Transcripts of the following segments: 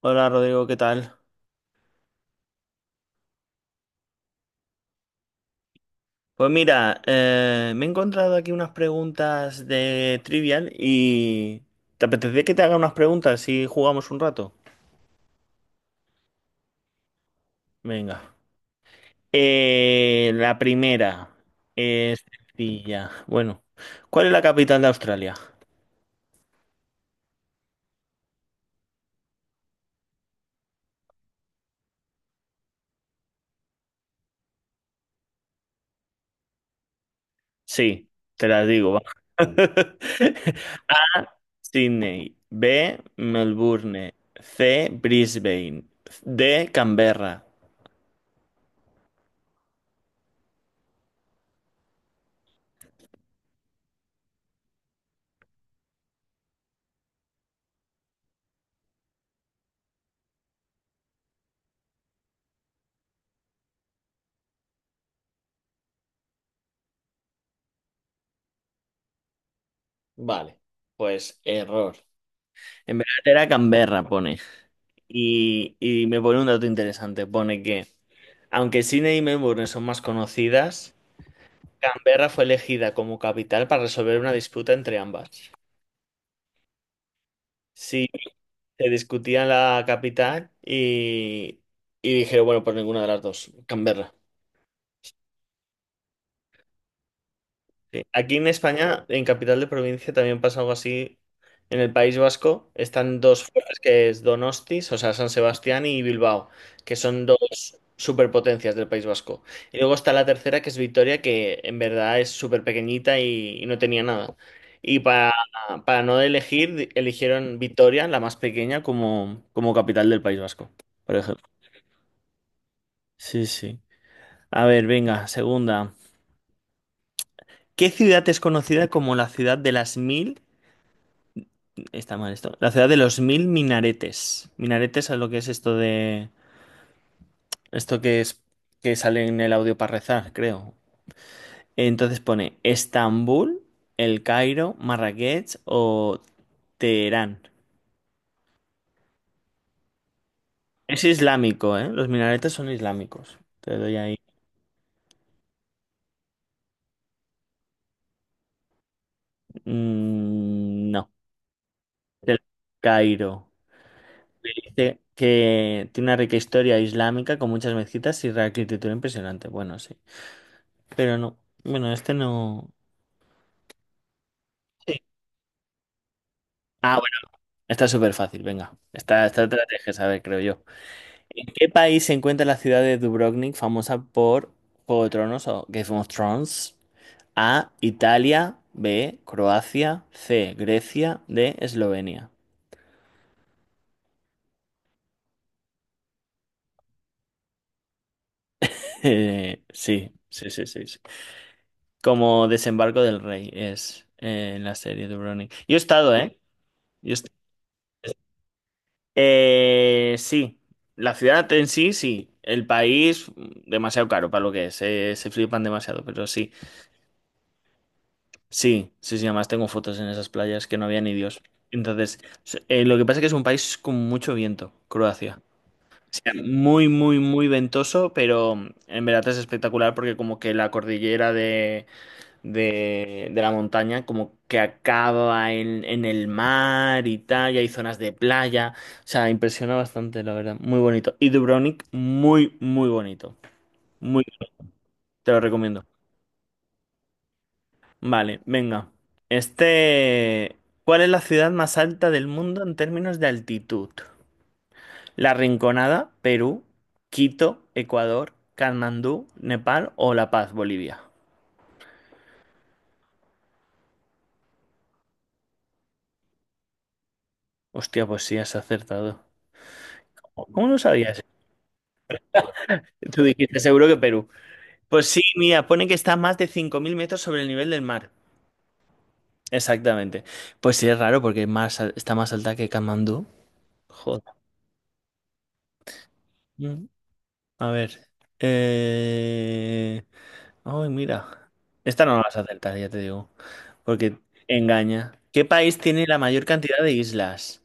Hola Rodrigo, ¿qué tal? Pues mira, me he encontrado aquí unas preguntas de Trivial y ¿te apetece que te haga unas preguntas si jugamos un rato? Venga. La primera es sencilla. Bueno, ¿cuál es la capital de Australia? Sí, te las digo, va. A, Sydney. B, Melbourne. C, Brisbane. D, Canberra. Vale, pues error. En verdad era Canberra, pone. Y me pone un dato interesante. Pone que, aunque Sydney y Melbourne son más conocidas, Canberra fue elegida como capital para resolver una disputa entre ambas. Sí, se discutía la capital y dijeron, bueno, pues ninguna de las dos, Canberra. Sí. Aquí en España, en Capital de Provincia, también pasa algo así. En el País Vasco están dos ciudades que es Donostis, o sea, San Sebastián y Bilbao, que son dos superpotencias del País Vasco. Y luego está la tercera, que es Vitoria, que en verdad es súper pequeñita y no tenía nada. Y para, para no elegir, eligieron Vitoria, la más pequeña, como, como capital del País Vasco, por ejemplo. Sí, sí. A ver, venga, segunda. ¿Qué ciudad es conocida como la ciudad de las mil? Está mal esto. La ciudad de los mil minaretes. Minaretes es lo que es esto de. Esto que es, que sale en el audio para rezar, creo. Entonces pone Estambul, El Cairo, Marrakech o Teherán. Es islámico, ¿eh? Los minaretes son islámicos. Te doy ahí. Mm, no. El Cairo. Dice que tiene una rica historia islámica con muchas mezquitas y arquitectura impresionante. Bueno, sí. Pero no. Bueno, este no. Sí. Ah, Está súper fácil, venga. Esta te la tienes que saber, creo yo. ¿En qué país se encuentra la ciudad de Dubrovnik, famosa por Juego de Tronos o Game of Thrones? A, Italia, B, Croacia, C, Grecia, D, Eslovenia. Sí, sí, sí, sí, sí. Como Desembarco del Rey es en la serie de Dubrovnik. Yo he estado, ¿eh? Yo he est- sí, la ciudad en sí, sí. El país, mm, demasiado caro para lo que es. Se flipan demasiado, pero sí. Sí, sí, sí, además tengo fotos en esas playas que no había ni Dios. Entonces, lo que pasa es que es un país con mucho viento, Croacia. O sea, muy, muy, muy ventoso, pero mm, en verdad es espectacular porque como que la cordillera de la montaña como que acaba en el mar y tal, y hay zonas de playa. O sea, impresiona bastante, la verdad. Muy bonito. Y Dubrovnik, muy, muy bonito. Muy, te lo recomiendo. Vale, venga. Este, ¿cuál es la ciudad más alta del mundo en términos de altitud? La Rinconada, Perú, Quito, Ecuador, Katmandú, Nepal o La Paz, Bolivia. Hostia, pues sí, has acertado. ¿Cómo no sabías? Tú dijiste seguro que Perú. Pues sí, mira, pone que está a más de 5000 metros sobre el nivel del mar. Exactamente. Pues sí, es raro porque más, está más alta que Katmandú. Joder. Mm. A ver. Eh... Ay, mira. Esta no la vas a acertar, ya te digo. Porque engaña. ¿Qué país tiene la mayor cantidad de islas?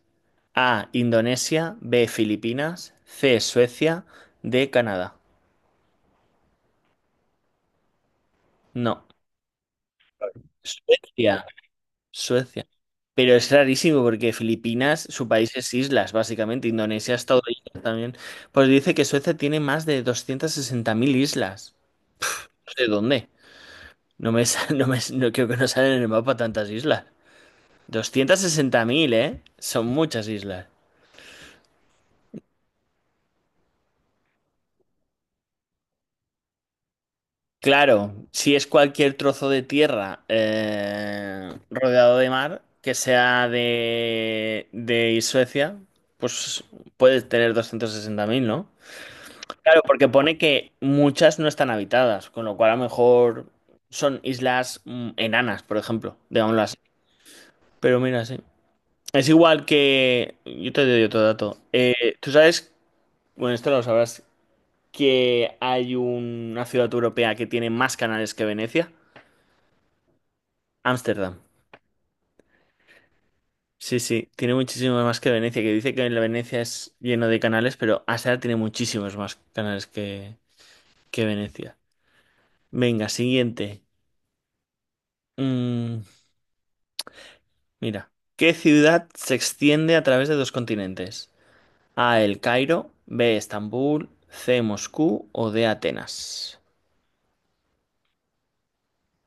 A. Indonesia. B. Filipinas. C. Suecia. D. Canadá. No. Suecia. Suecia. Pero es rarísimo porque Filipinas, su país es islas, básicamente. Indonesia es todo islas también. Pues dice que Suecia tiene más de 260 000 islas. No sé dónde. No creo que no salen en el mapa tantas islas. 260 000, ¿eh? Son muchas islas. Claro, si es cualquier trozo de tierra rodeado de mar, que sea de Suecia, pues puedes tener 260 000, ¿no? Claro, porque pone que muchas no están habitadas, con lo cual a lo mejor son islas mm, enanas, por ejemplo, digámoslo así. Pero mira, sí. Es igual que... Yo te doy otro dato. Tú sabes, bueno, esto lo sabrás, que hay una ciudad europea que tiene más canales que Venecia? Ámsterdam. Sí, sí, tiene muchísimos más que Venecia, que dice que la Venecia es lleno de canales, pero Ámsterdam tiene muchísimos más canales que Venecia. Venga, siguiente. Mm, mira, ¿qué ciudad se extiende a través de dos continentes? A, El Cairo, B, Estambul, C, Moscú o D, Atenas.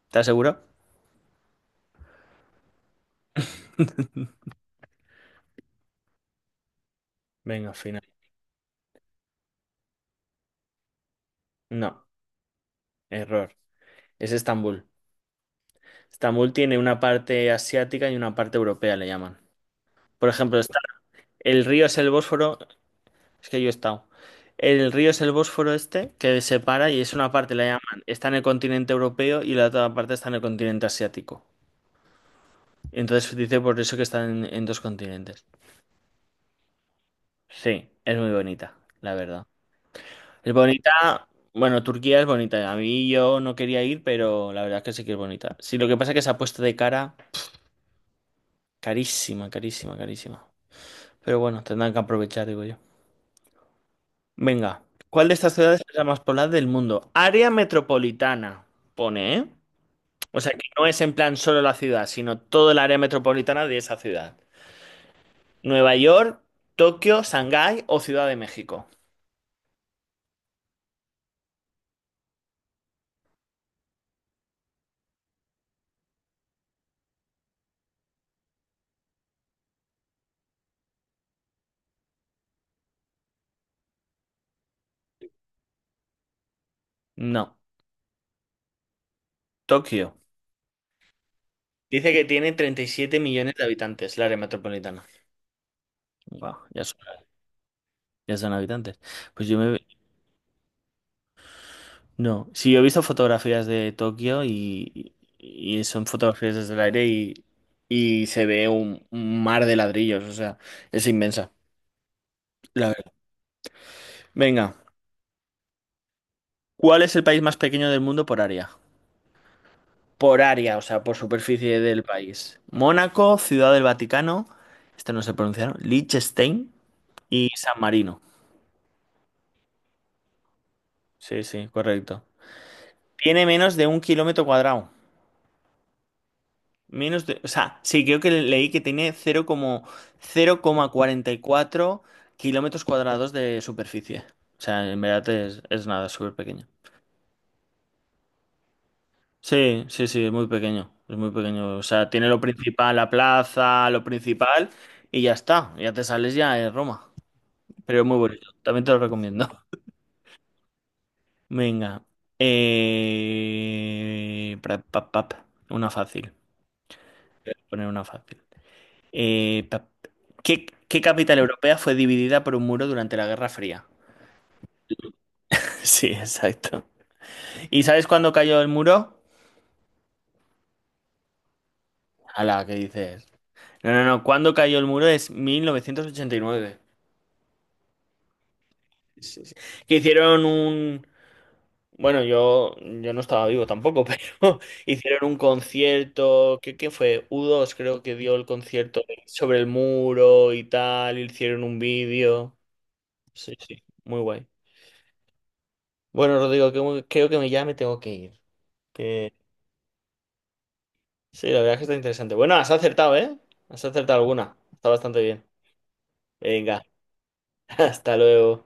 ¿Estás seguro? Venga, final. No, error. Es Estambul. Estambul tiene una parte asiática y una parte europea, le llaman. Por ejemplo, está, el río es el Bósforo, es que yo he estado. El río es el Bósforo este, que separa y es una parte, la llaman, está en el continente europeo y la otra parte está en el continente asiático. Entonces se dice por eso que está en dos continentes. Sí, es muy bonita, la verdad. Es bonita, bueno, Turquía es bonita. A mí yo no quería ir, pero la verdad es que sí que es bonita. Sí, lo que pasa es que se ha puesto de cara carísima, carísima, carísima. Pero bueno, tendrán que aprovechar, digo yo. Venga, ¿cuál de estas ciudades es la más poblada del mundo? Área metropolitana, pone, ¿eh? O sea, que no es en plan solo la ciudad, sino todo el área metropolitana de esa ciudad. Nueva York, Tokio, Shanghái o Ciudad de México. No, Tokio. Dice que tiene 37 millones de habitantes, el área metropolitana. Wow, ya son habitantes. Pues yo me, no, sí, yo he visto fotografías de Tokio y son fotografías desde el aire y se ve un mar de ladrillos, o sea, es inmensa, la verdad. Venga, ¿cuál es el país más pequeño del mundo por área? Por área, o sea, por superficie del país. Mónaco, Ciudad del Vaticano, este no se pronunciaron, Liechtenstein y San Marino. Sí, sí, correcto. Tiene menos de 1 kilómetro cuadrado. Menos de, o sea, sí, creo que leí que tiene 0, como 4 kilómetros cuadrados de superficie. O sea, en verdad es nada, es súper pequeño. Sí, sí, sí, es muy pequeño. Es muy pequeño. O sea, tiene lo principal, la plaza, lo principal, y ya está. Ya te sales ya de Roma. Pero es muy bonito. También te lo recomiendo. Venga. Pra- pa- pa- pa. Una fácil. Poner una fácil. Eh, pa- ¿Qué, qué capital europea fue dividida por un muro durante la Guerra Fría? Sí, exacto. ¿Y sabes cuándo cayó el muro? Ala, ¿qué dices? No, no, no. ¿Cuándo cayó el muro? Es 1989. Sí, sí. Que hicieron un... Bueno, yo no estaba vivo tampoco, pero hicieron un concierto, ¿qué, qué fue? U dos, creo que dio el concierto sobre el muro y tal, hicieron un vídeo. Sí, sí, muy guay. Bueno, Rodrigo, que- creo que ya me tengo que ir. Que sí, la verdad es que está interesante. Bueno, has acertado, ¿eh? Has acertado alguna. Está bastante bien. Venga, hasta luego.